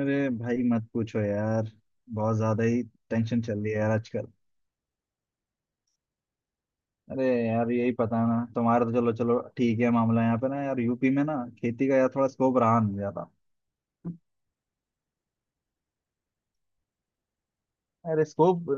अरे भाई मत पूछो यार। बहुत ज्यादा ही टेंशन चल रही है यार आजकल। अरे यार यही पता ना तुम्हारा। तो चलो चलो ठीक है। मामला यहाँ पे ना यार, यूपी में ना खेती का यार, थोड़ा स्कोप रहा नहीं ज्यादा। अरे स्कोप!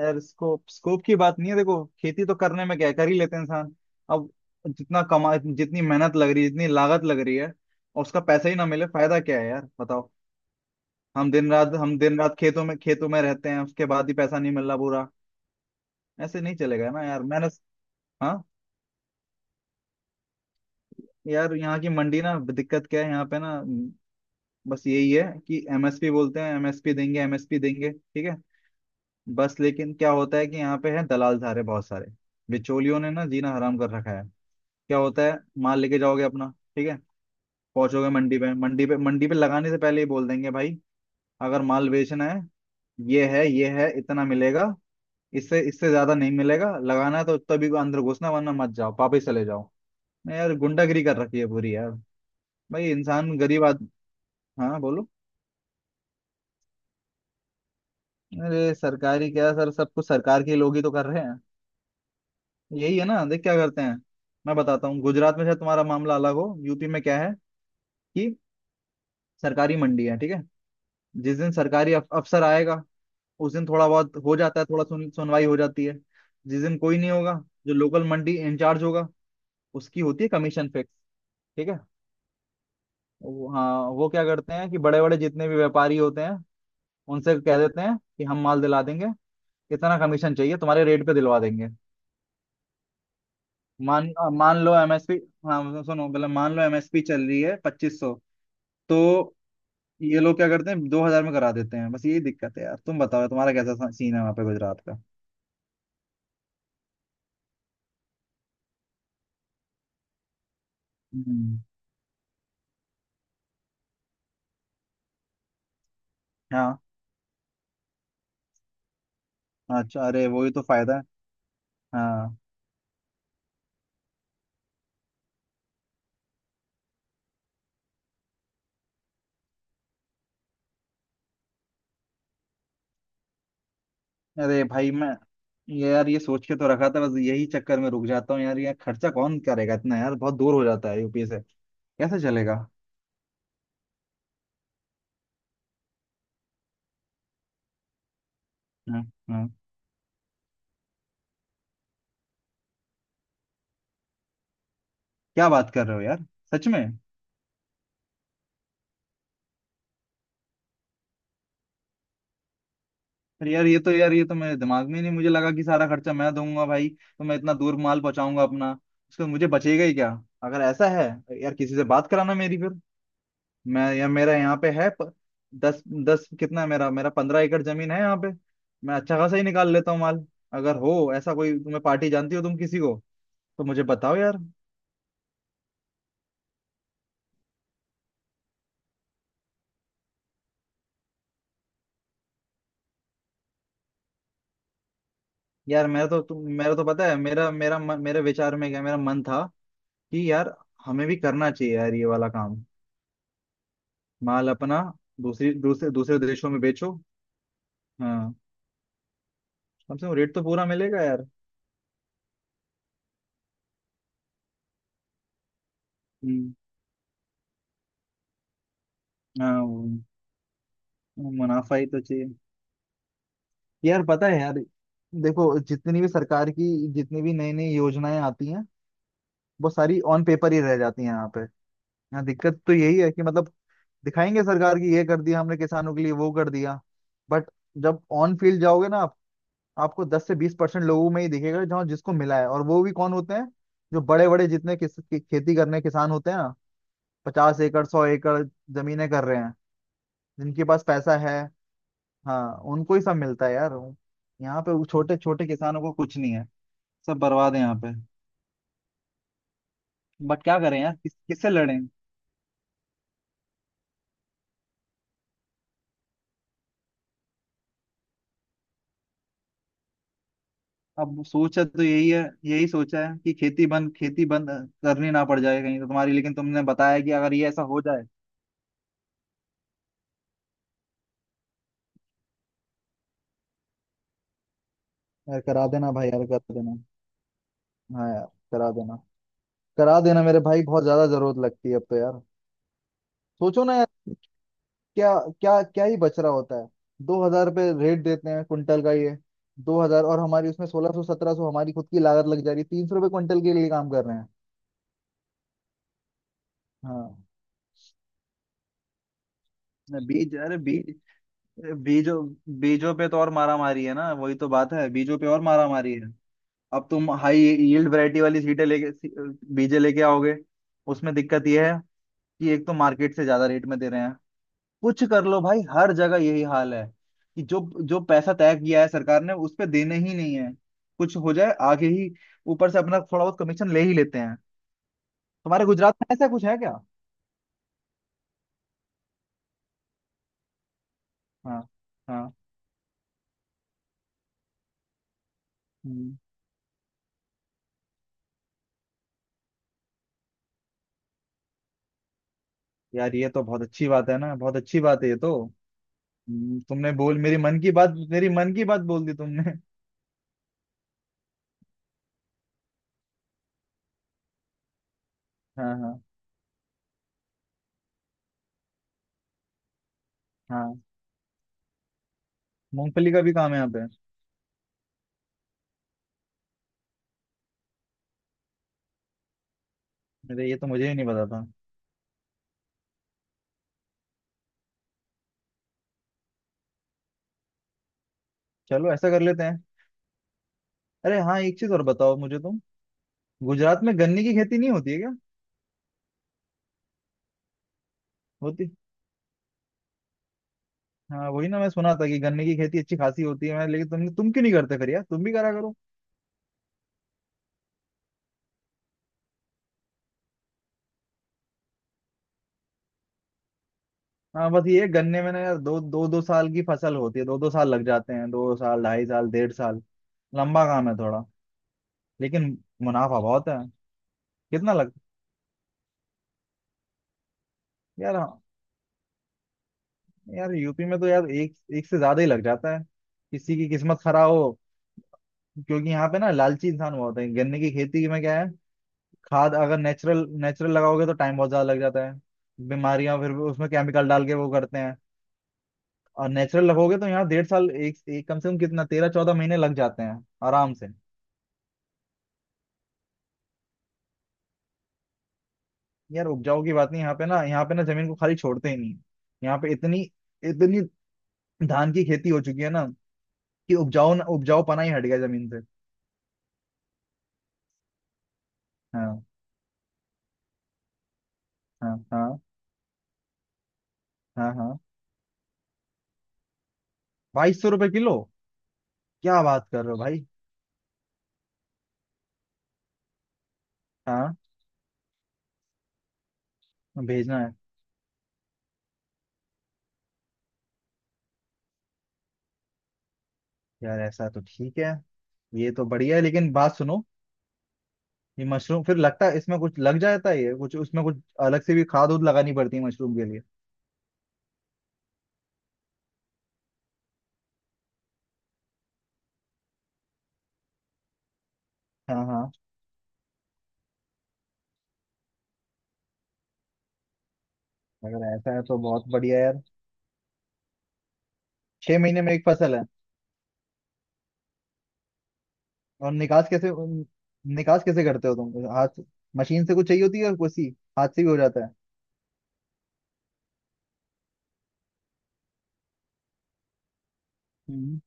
यार, स्कोप स्कोप की बात नहीं है, देखो खेती तो करने में क्या कर ही लेते हैं इंसान। अब जितना कमा, जितनी मेहनत लग रही है, जितनी लागत लग रही है, और उसका पैसा ही ना मिले, फायदा क्या है यार? बताओ। हम दिन रात खेतों में रहते हैं, उसके बाद ही पैसा नहीं मिल रहा पूरा। ऐसे नहीं चलेगा ना यार, मेहनत। हाँ। यार यहाँ की मंडी ना, दिक्कत क्या है यहाँ पे ना, बस यही है कि एमएसपी बोलते हैं, एमएसपी देंगे, एमएसपी देंगे ठीक है। बस लेकिन क्या होता है कि यहाँ पे है दलाल सारे, बहुत सारे बिचौलियों ने ना जीना हराम कर रखा है। क्या होता है, माल लेके जाओगे अपना, ठीक है, पहुंचोगे मंडी पे। मंडी पे लगाने से पहले ही बोल देंगे, भाई अगर माल बेचना है, ये है। इतना मिलेगा। इससे इससे ज्यादा नहीं मिलेगा, लगाना है तो तभी अंदर घुसना, वरना मत जाओ, वापस चले जाओ। नहीं यार, गुंडागिरी कर रखी है पूरी यार। भाई इंसान गरीब आदमी। हाँ, बोलो। अरे सरकारी क्या सर, सब कुछ सरकार के लोग ही तो कर रहे हैं। यही है ना, देख क्या करते हैं। मैं बताता हूँ, गुजरात में शायद तुम्हारा मामला अलग हो, यूपी में क्या है कि सरकारी मंडी है ठीक है। जिस दिन सरकारी अफसर आएगा, उस दिन थोड़ा बहुत हो जाता है, थोड़ा सुनवाई हो जाती है। जिस दिन कोई नहीं होगा, जो लोकल मंडी इंचार्ज होगा, उसकी होती है कमीशन फिक्स ठीक है। हाँ, वो क्या करते हैं कि बड़े बड़े जितने भी व्यापारी होते हैं, उनसे कह देते हैं कि हम माल दिला देंगे, इतना कमीशन चाहिए, तुम्हारे रेट पे दिलवा देंगे। मान मान लो एमएसपी। हाँ सुनो, पहले मान लो एमएसपी चल रही है 2500, तो ये लोग क्या करते हैं 2000 में करा देते हैं। बस यही दिक्कत है यार। तुम बताओ, तुम्हारा कैसा सीन है वहाँ पे गुजरात का? हम्म, हाँ। अच्छा, अरे वही तो फायदा है। हाँ। अरे भाई मैं, ये सोच के तो रखा था, बस यही चक्कर में रुक जाता हूँ यार। ये खर्चा कौन करेगा इतना यार, बहुत दूर हो जाता है यूपी से, कैसे चलेगा? हम्म हम्म क्या बात कर रहे हो यार, सच में? अरे यार, ये तो मेरे दिमाग में ही नहीं, मुझे लगा कि सारा खर्चा मैं दूंगा भाई, तो मैं इतना दूर माल पहुंचाऊंगा अपना, उसका मुझे बचेगा ही क्या? अगर ऐसा है यार, किसी से बात कराना मेरी फिर। मैं या मेरा यहाँ पे है दस दस कितना है मेरा मेरा 15 एकड़ जमीन है यहाँ पे, मैं अच्छा खासा ही निकाल लेता हूँ माल। अगर हो ऐसा कोई, तुम्हें पार्टी जानती हो तुम किसी को, तो मुझे बताओ यार। यार मेरा तो तुम मेरा तो पता है, मेरा मेरा मन- मेरे विचार में क्या, मेरा मन था कि यार हमें भी करना चाहिए यार, ये वाला काम। माल अपना दूसरी दूसरे दूसरे देशों में बेचो। हाँ। कम से कम रेट तो पूरा मिलेगा यार। हम्म, हाँ। वो मुनाफा ही तो चाहिए यार। पता है यार, देखो जितनी भी सरकार की, जितनी भी नई नई योजनाएं आती हैं, वो सारी ऑन पेपर ही रह जाती हैं यहाँ पे। यहाँ दिक्कत तो यही है कि मतलब दिखाएंगे सरकार की, ये कर दिया हमने किसानों के लिए, वो कर दिया। बट जब ऑन फील्ड जाओगे ना आप, आपको 10 से 20% लोगों में ही दिखेगा, जहाँ जिसको मिला है, और वो भी कौन होते हैं? जो बड़े बड़े जितने खेती करने किसान होते हैं, 50 एकड़ 100 एकड़ जमीनें कर रहे हैं, जिनके पास पैसा है। हाँ। उनको ही सब मिलता है यार। यहाँ पे वो छोटे छोटे किसानों को कुछ नहीं है, सब बर्बाद है यहाँ पे। बट क्या करें यार, किससे लड़ें? अब सोचा तो यही सोचा है कि खेती बंद, खेती बंद करनी ना पड़ जाए कहीं, तो तुम्हारी लेकिन तुमने बताया कि अगर ये ऐसा हो जाए, यार करा देना भाई, यार कर देना। हाँ यार, करा देना। करा देना मेरे भाई, बहुत ज्यादा जरूरत लगती है अब तो यार। सोचो ना यार, क्या क्या क्या ही बच रहा होता है? 2000 रुपये रेट देते हैं क्विंटल का ये, दो हजार, और हमारी उसमें 1600 1700 हमारी खुद की लागत लग जा रही है, 300 रुपये क्विंटल के लिए काम कर रहे हैं। हाँ। ना, बीज अरे बीज बीजों बीजों पे तो और मारा मारी है ना, वही तो बात है, बीजों पे और मारा मारी है। अब तुम हाई यील्ड वैरायटी वाली सीटें लेके बीजे लेके आओगे, उसमें दिक्कत ये है कि एक तो मार्केट से ज्यादा रेट में दे रहे हैं। कुछ कर लो भाई, हर जगह यही हाल है कि जो, पैसा तय किया है सरकार ने, उस पे देने ही नहीं है, कुछ हो जाए आगे ही, ऊपर से अपना थोड़ा बहुत कमीशन ले ही लेते हैं। तुम्हारे गुजरात में ऐसा कुछ है क्या? हाँ। हाँ। हम्म, यार ये तो बहुत अच्छी बात है ना, बहुत अच्छी बात है ये तो। तुमने बोल, मेरी मन की बात, मेरी मन की बात बोल दी तुमने। हाँ। हाँ। हाँ। मूंगफली का भी काम है यहाँ पे। अरे ये तो मुझे ही नहीं पता था। चलो ऐसा कर लेते हैं। अरे हाँ, एक चीज और बताओ मुझे तुम, गुजरात में गन्ने की खेती नहीं होती है क्या? होती। हाँ वही ना, मैं सुना था कि गन्ने की खेती अच्छी खासी होती है मैं, लेकिन तुम क्यों नहीं करते फिर यार, तुम भी करा करो। हाँ बस ये है, गन्ने में ना यार दो दो दो साल की फसल होती है, दो दो साल लग जाते हैं, दो साल, ढाई साल, डेढ़ साल, लंबा काम है थोड़ा, लेकिन मुनाफा बहुत है। कितना लग। यार, हाँ, यार यूपी में तो यार, एक एक से ज्यादा ही लग जाता है, किसी की किस्मत खराब हो। क्योंकि यहाँ पे ना लालची इंसान बहुत है। गन्ने की खेती में क्या है, खाद अगर नेचुरल, नेचुरल लगाओगे तो टाइम बहुत ज्यादा लग जाता है, बीमारियां फिर उसमें केमिकल डाल के वो करते हैं। और नेचुरल लगोगे तो यहाँ डेढ़ साल, एक कम से कम कितना, 13 14 महीने लग जाते हैं आराम से। यार उपजाऊ की बात नहीं, यहाँ पे ना, यहाँ पे ना जमीन को खाली छोड़ते ही नहीं, यहाँ पे इतनी, इतनी धान की खेती हो चुकी है ना कि उपजाऊ, उपजाऊ पना ही हट गया जमीन से। हाँ। हाँ। हाँ। हाँ। हाँ। 2200 रुपए किलो! क्या बात कर रहे हो भाई! हाँ। भेजना है। यार ऐसा तो ठीक है, ये तो बढ़िया है, लेकिन बात सुनो, ये मशरूम फिर लगता है इसमें कुछ लग जाता है, ये कुछ उसमें कुछ अलग से भी खाद उद लगानी पड़ती है मशरूम के लिए। हाँ। हाँ। अगर ऐसा है तो बहुत बढ़िया यार। 6 महीने में एक फसल है? और निकास कैसे, निकास कैसे करते हो तुम? हाथ मशीन से कुछ चाहिए होती है या कुछ ही हाथ से भी हो जाता है? हम्म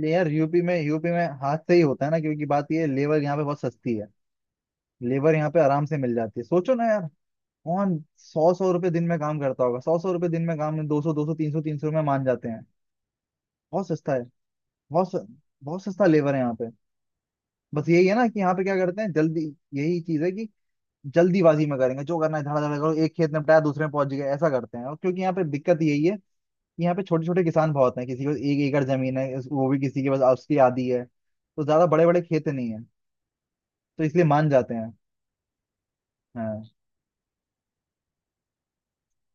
ले यार यूपी में, यूपी में हाथ से ही होता है ना, क्योंकि बात ये है, लेबर यहाँ पे बहुत सस्ती है, लेबर यहाँ पे आराम से मिल जाती है। सोचो ना यार, कौन सौ सौ रुपए दिन में काम करता होगा? सौ सौ रुपए दिन में काम में, दो सौ तीन सौ तीन सौ में मान जाते हैं। बहुत सस्ता है, बहुत स- बहुत सस्ता लेबर है यहाँ पे। बस यही है ना कि यहाँ पे क्या करते हैं जल्दी, यही चीज है कि जल्दीबाजी में करेंगे जो करना है, धड़ाधड़ करो, एक खेत निपटाया दूसरे में पहुंच गए, ऐसा करते हैं। और क्योंकि यहाँ पे दिक्कत यही है कि यहाँ पे छोटे छोटे किसान बहुत हैं, किसी के पास एक एकड़ जमीन है वो भी किसी के पास उसकी आधी है, तो ज्यादा बड़े बड़े खेत नहीं है, तो इसलिए मान जाते हैं। हाँ।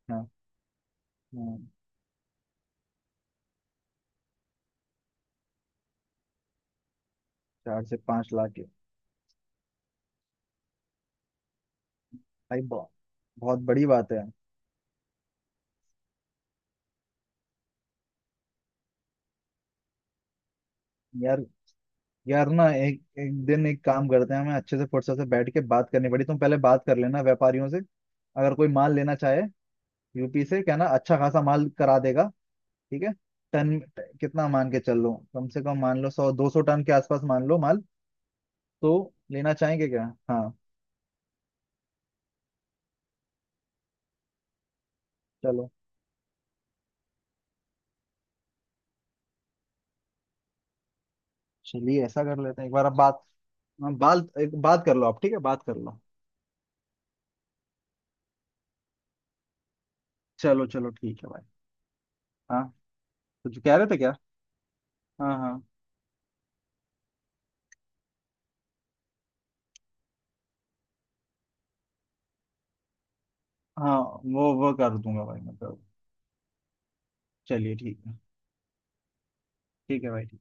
हाँ। हाँ। 4 से 5 लाख के! भाई बहुत, बहुत बड़ी बात है। यार, यार ना, एक एक दिन एक काम करते हैं, हमें अच्छे से फुर्सत से बैठ के बात करनी पड़ी, तुम पहले बात कर लेना व्यापारियों से, अगर कोई माल लेना चाहे यूपी से, कहना अच्छा खासा माल करा देगा ठीक है। टन, कितना मान के चल लो, कम से कम मान लो 100 200 टन के आसपास, मान लो माल तो लेना चाहेंगे क्या? हाँ। चलो। चलिए ऐसा कर लेते हैं एक बार, अब बात। हाँ, बाल, एक बात कर लो आप ठीक है, बात कर लो। चलो, चलो ठीक है भाई। हाँ। तो जो कह रहे थे, क्या? हाँ। हाँ। हाँ। वो कर दूंगा भाई मैं कर। चलिए ठीक है। ठीक है भाई।